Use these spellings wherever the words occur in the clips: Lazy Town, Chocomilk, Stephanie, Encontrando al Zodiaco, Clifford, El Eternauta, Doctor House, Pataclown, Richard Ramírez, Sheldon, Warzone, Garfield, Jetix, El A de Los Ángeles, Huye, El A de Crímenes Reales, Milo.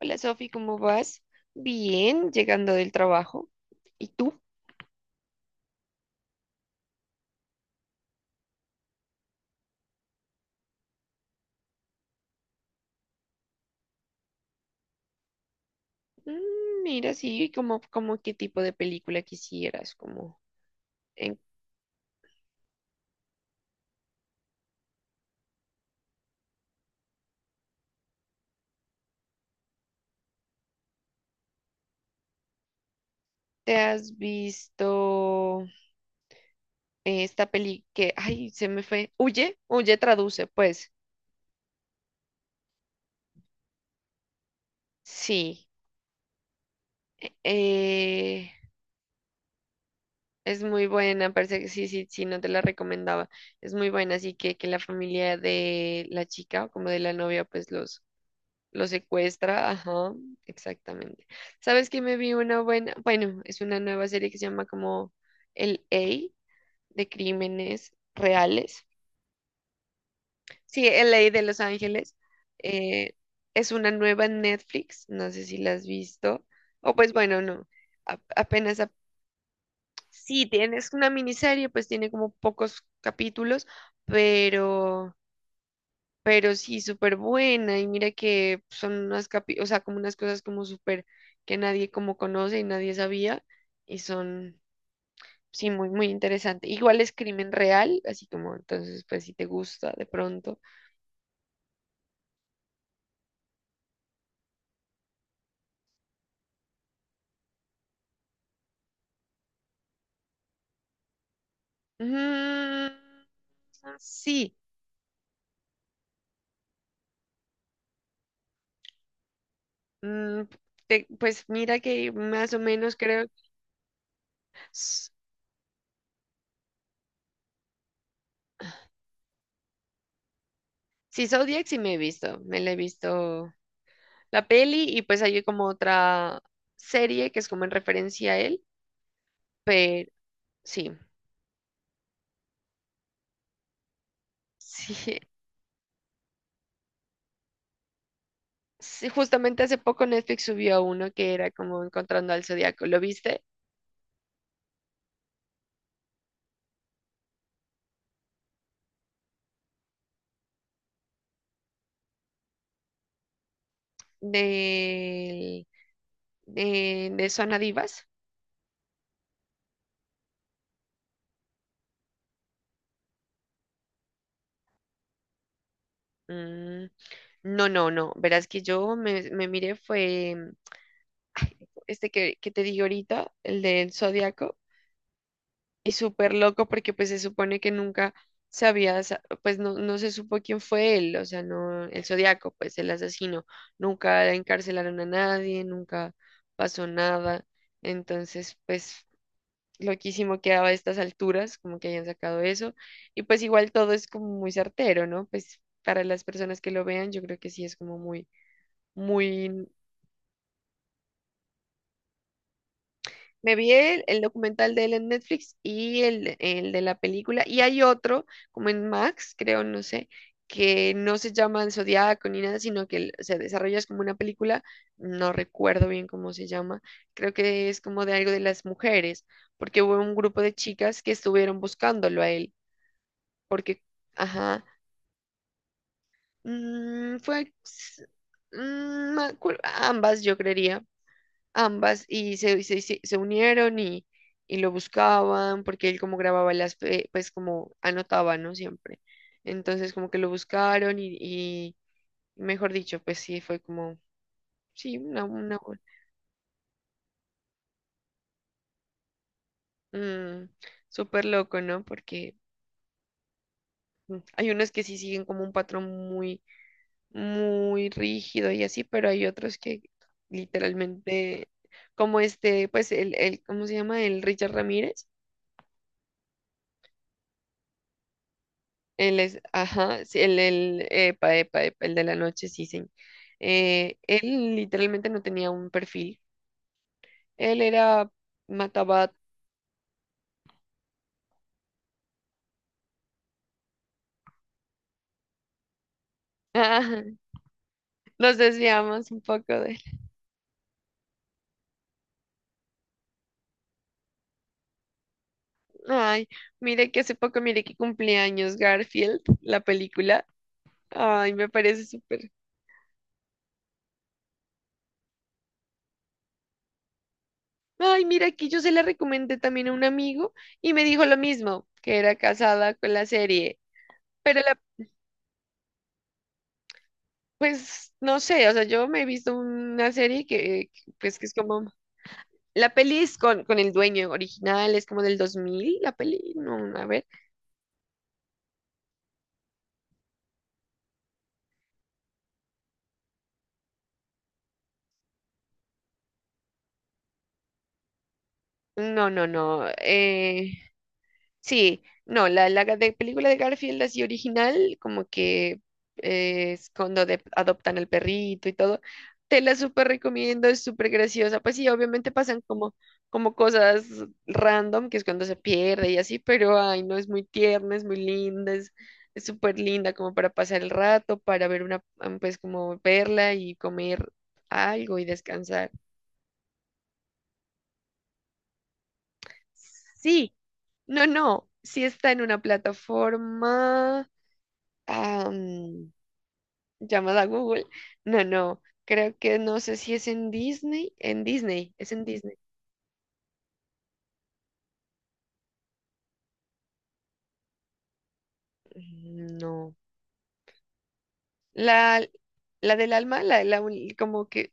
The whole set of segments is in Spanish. Hola Sofi, ¿cómo vas? Bien, llegando del trabajo. ¿Y tú? Mira, sí, como qué tipo de película quisieras, en- ¿te has visto esta peli que, ay, se me fue, Huye, Huye traduce, pues, sí, eh, es muy buena, parece que sí, sí, sí, no te la recomendaba, es muy buena, así que la familia de la chica o como de la novia, pues los lo secuestra, ajá, exactamente. ¿Sabes que me vi una buena? Bueno, es una nueva serie que se llama como El A de Crímenes Reales. Sí, El A de Los Ángeles. eh, es una nueva en Netflix, no sé si la has visto. O pues bueno, no. a- apenas, a- sí, tienes una miniserie, pues tiene como pocos capítulos, pero... pero sí, súper buena. Y mira que son unas capi, o sea, como unas cosas como súper que nadie como conoce y nadie sabía. Y son, sí, muy, muy interesante. Igual es crimen real, así como entonces, pues si te gusta de pronto. Mm, sí, mm, pues mira que más o menos creo. s- Sí, Zodiac sí me he visto, me la he visto la peli y pues hay como otra serie que es como en referencia a él, pero sí. Sí, sí, justamente hace poco Netflix subió uno que era como Encontrando al Zodiaco. ¿Lo viste? De, de Zona Divas. Mm, no, no, no. Verás que yo me miré fue este que te digo ahorita, el del Zodiaco, y súper loco porque pues se supone que nunca pues no, no se supo quién fue él, o sea, no, el Zodiaco, pues el asesino. Nunca encarcelaron a nadie, nunca pasó nada. Entonces, pues loquísimo quedaba a estas alturas, como que hayan sacado eso. Y pues igual todo es como muy certero, ¿no? Pues para las personas que lo vean, yo creo que sí es como muy, muy... Me vi el documental de él en Netflix y el de la película. Y hay otro, como en Max, creo, no sé, que no se llama El Zodiaco ni nada, sino que se desarrolla es como una película, no recuerdo bien cómo se llama, creo que es como de algo de las mujeres, porque hubo un grupo de chicas que estuvieron buscándolo a él porque, ajá, mm, fue s- mm, me acuer- ambas, yo creería, ambas, y se unieron y lo buscaban, porque él como grababa pues como anotaba, ¿no? Siempre. Entonces como que lo buscaron y mejor dicho, pues sí, fue como, sí, mm, súper loco, ¿no? Porque mm, hay unos que sí siguen como un patrón muy rígido y así, pero hay otros que literalmente, como este, pues el ¿cómo se llama? El Richard Ramírez, él es, ajá, sí, epa, epa, epa, el de la noche, sí, sí. Él literalmente no tenía un perfil, él era matabat. Nos desviamos un poco de él. Ay, mire que hace poco, mire que cumpleaños Garfield, la película. Ay, me parece súper. Ay, mira, aquí yo se la recomendé también a un amigo y me dijo lo mismo, que era casada con la serie. Pero la, pues, no sé, o sea, yo me he visto una serie que, pues, La peli es con el dueño original, es como del 2000 la peli, no, a ver. No, no, no. Sí, no, la de película de Garfield así original, como que es cuando adoptan al perrito y todo, te la súper recomiendo, es súper graciosa. Pues sí, obviamente pasan como, como cosas random, que es cuando se pierde y así, pero ay, no, es muy tierna, es muy linda, es súper linda como para pasar el rato, para ver una, am, pues como verla y comer algo y descansar. Sí, no, no, sí está en una plataforma. Am, llamada Google. No, no, creo que no sé si es en Disney. En Disney, es en Disney. Mm, no. La, la del alma, la, de la uni- como que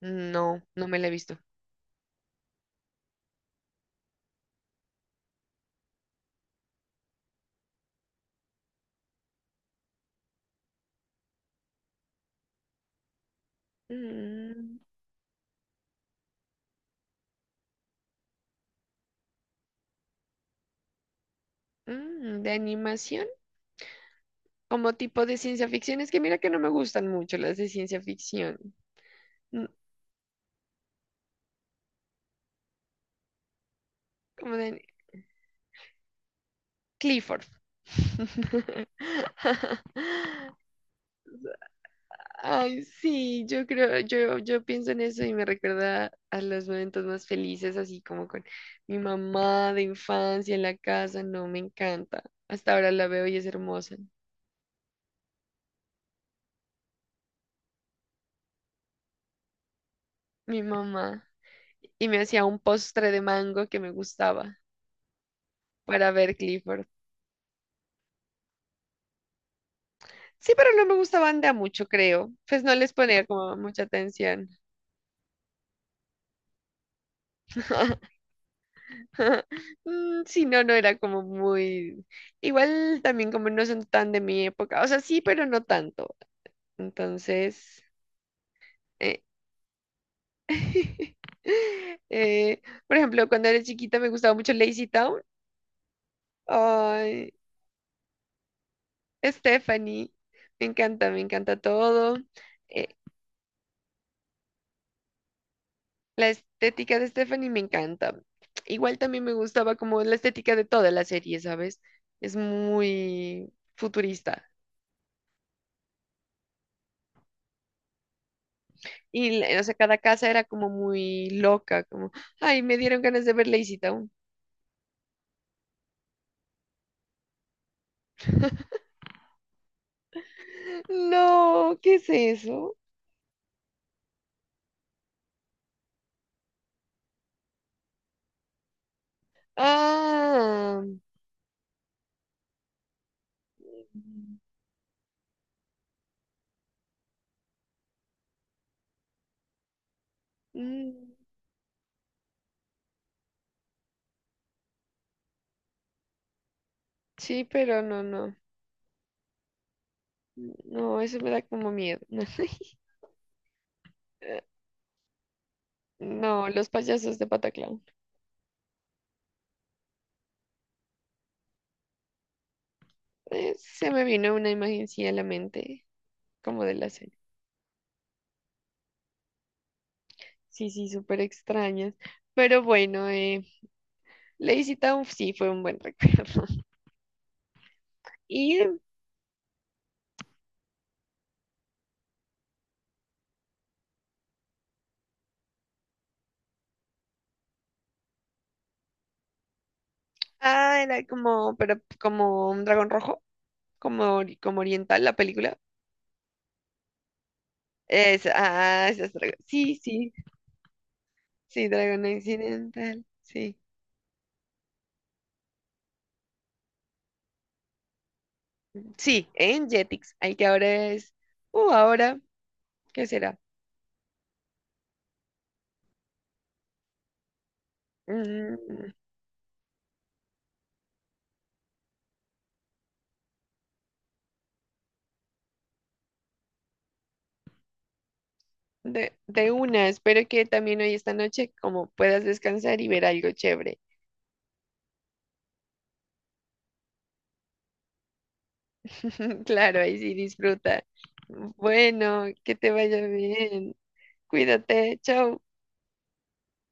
no, no me la he visto. Mm, mm, de animación, como tipo de ciencia ficción. Es que mira que no me gustan mucho las de ciencia ficción. Mm, como de Clifford. Ay, sí, yo creo, yo pienso en eso y me recuerda a los momentos más felices, así como con mi mamá de infancia en la casa, no, me encanta. Hasta ahora la veo y es hermosa, mi mamá. Y me hacía un postre de mango que me gustaba para ver Clifford. Sí, pero no me gustaban de a mucho, creo. Pues no les ponía como mucha atención. Mm, sí, no, no era como Igual también como no son tan de mi época. O sea, sí, pero no tanto. Entonces, eh, por ejemplo, cuando era chiquita me gustaba mucho Lazy Town. Ay, Stephanie, me encanta todo. Eh, la estética de Stephanie me encanta. Igual también me gustaba como la estética de toda la serie, ¿sabes? Es muy futurista. O sea, cada casa era como muy loca, como, ay, me dieron ganas de ver Lazy Town. No, ¿qué es eso? Ah. Mm, sí, pero no, no. No, eso me da como miedo. Eh, No, los payasos de Pataclown. Se me vino una imagen sí a la mente, como de la serie. Sí, sí, súper extrañas. Pero bueno, Lazy Town sí fue un buen recuerdo. Y, ah, era como, pero como un dragón rojo, como, como oriental la película. Es, ah, esa es dra- Sí, sí, sí, dragón occidental, sí. Sí, en Jetix, hay que ahora es, ahora, ¿qué será? Mm, de una, espero que también hoy esta noche como puedas descansar y ver algo chévere. Claro, ahí sí disfruta. Bueno, que te vaya bien. Cuídate, chao.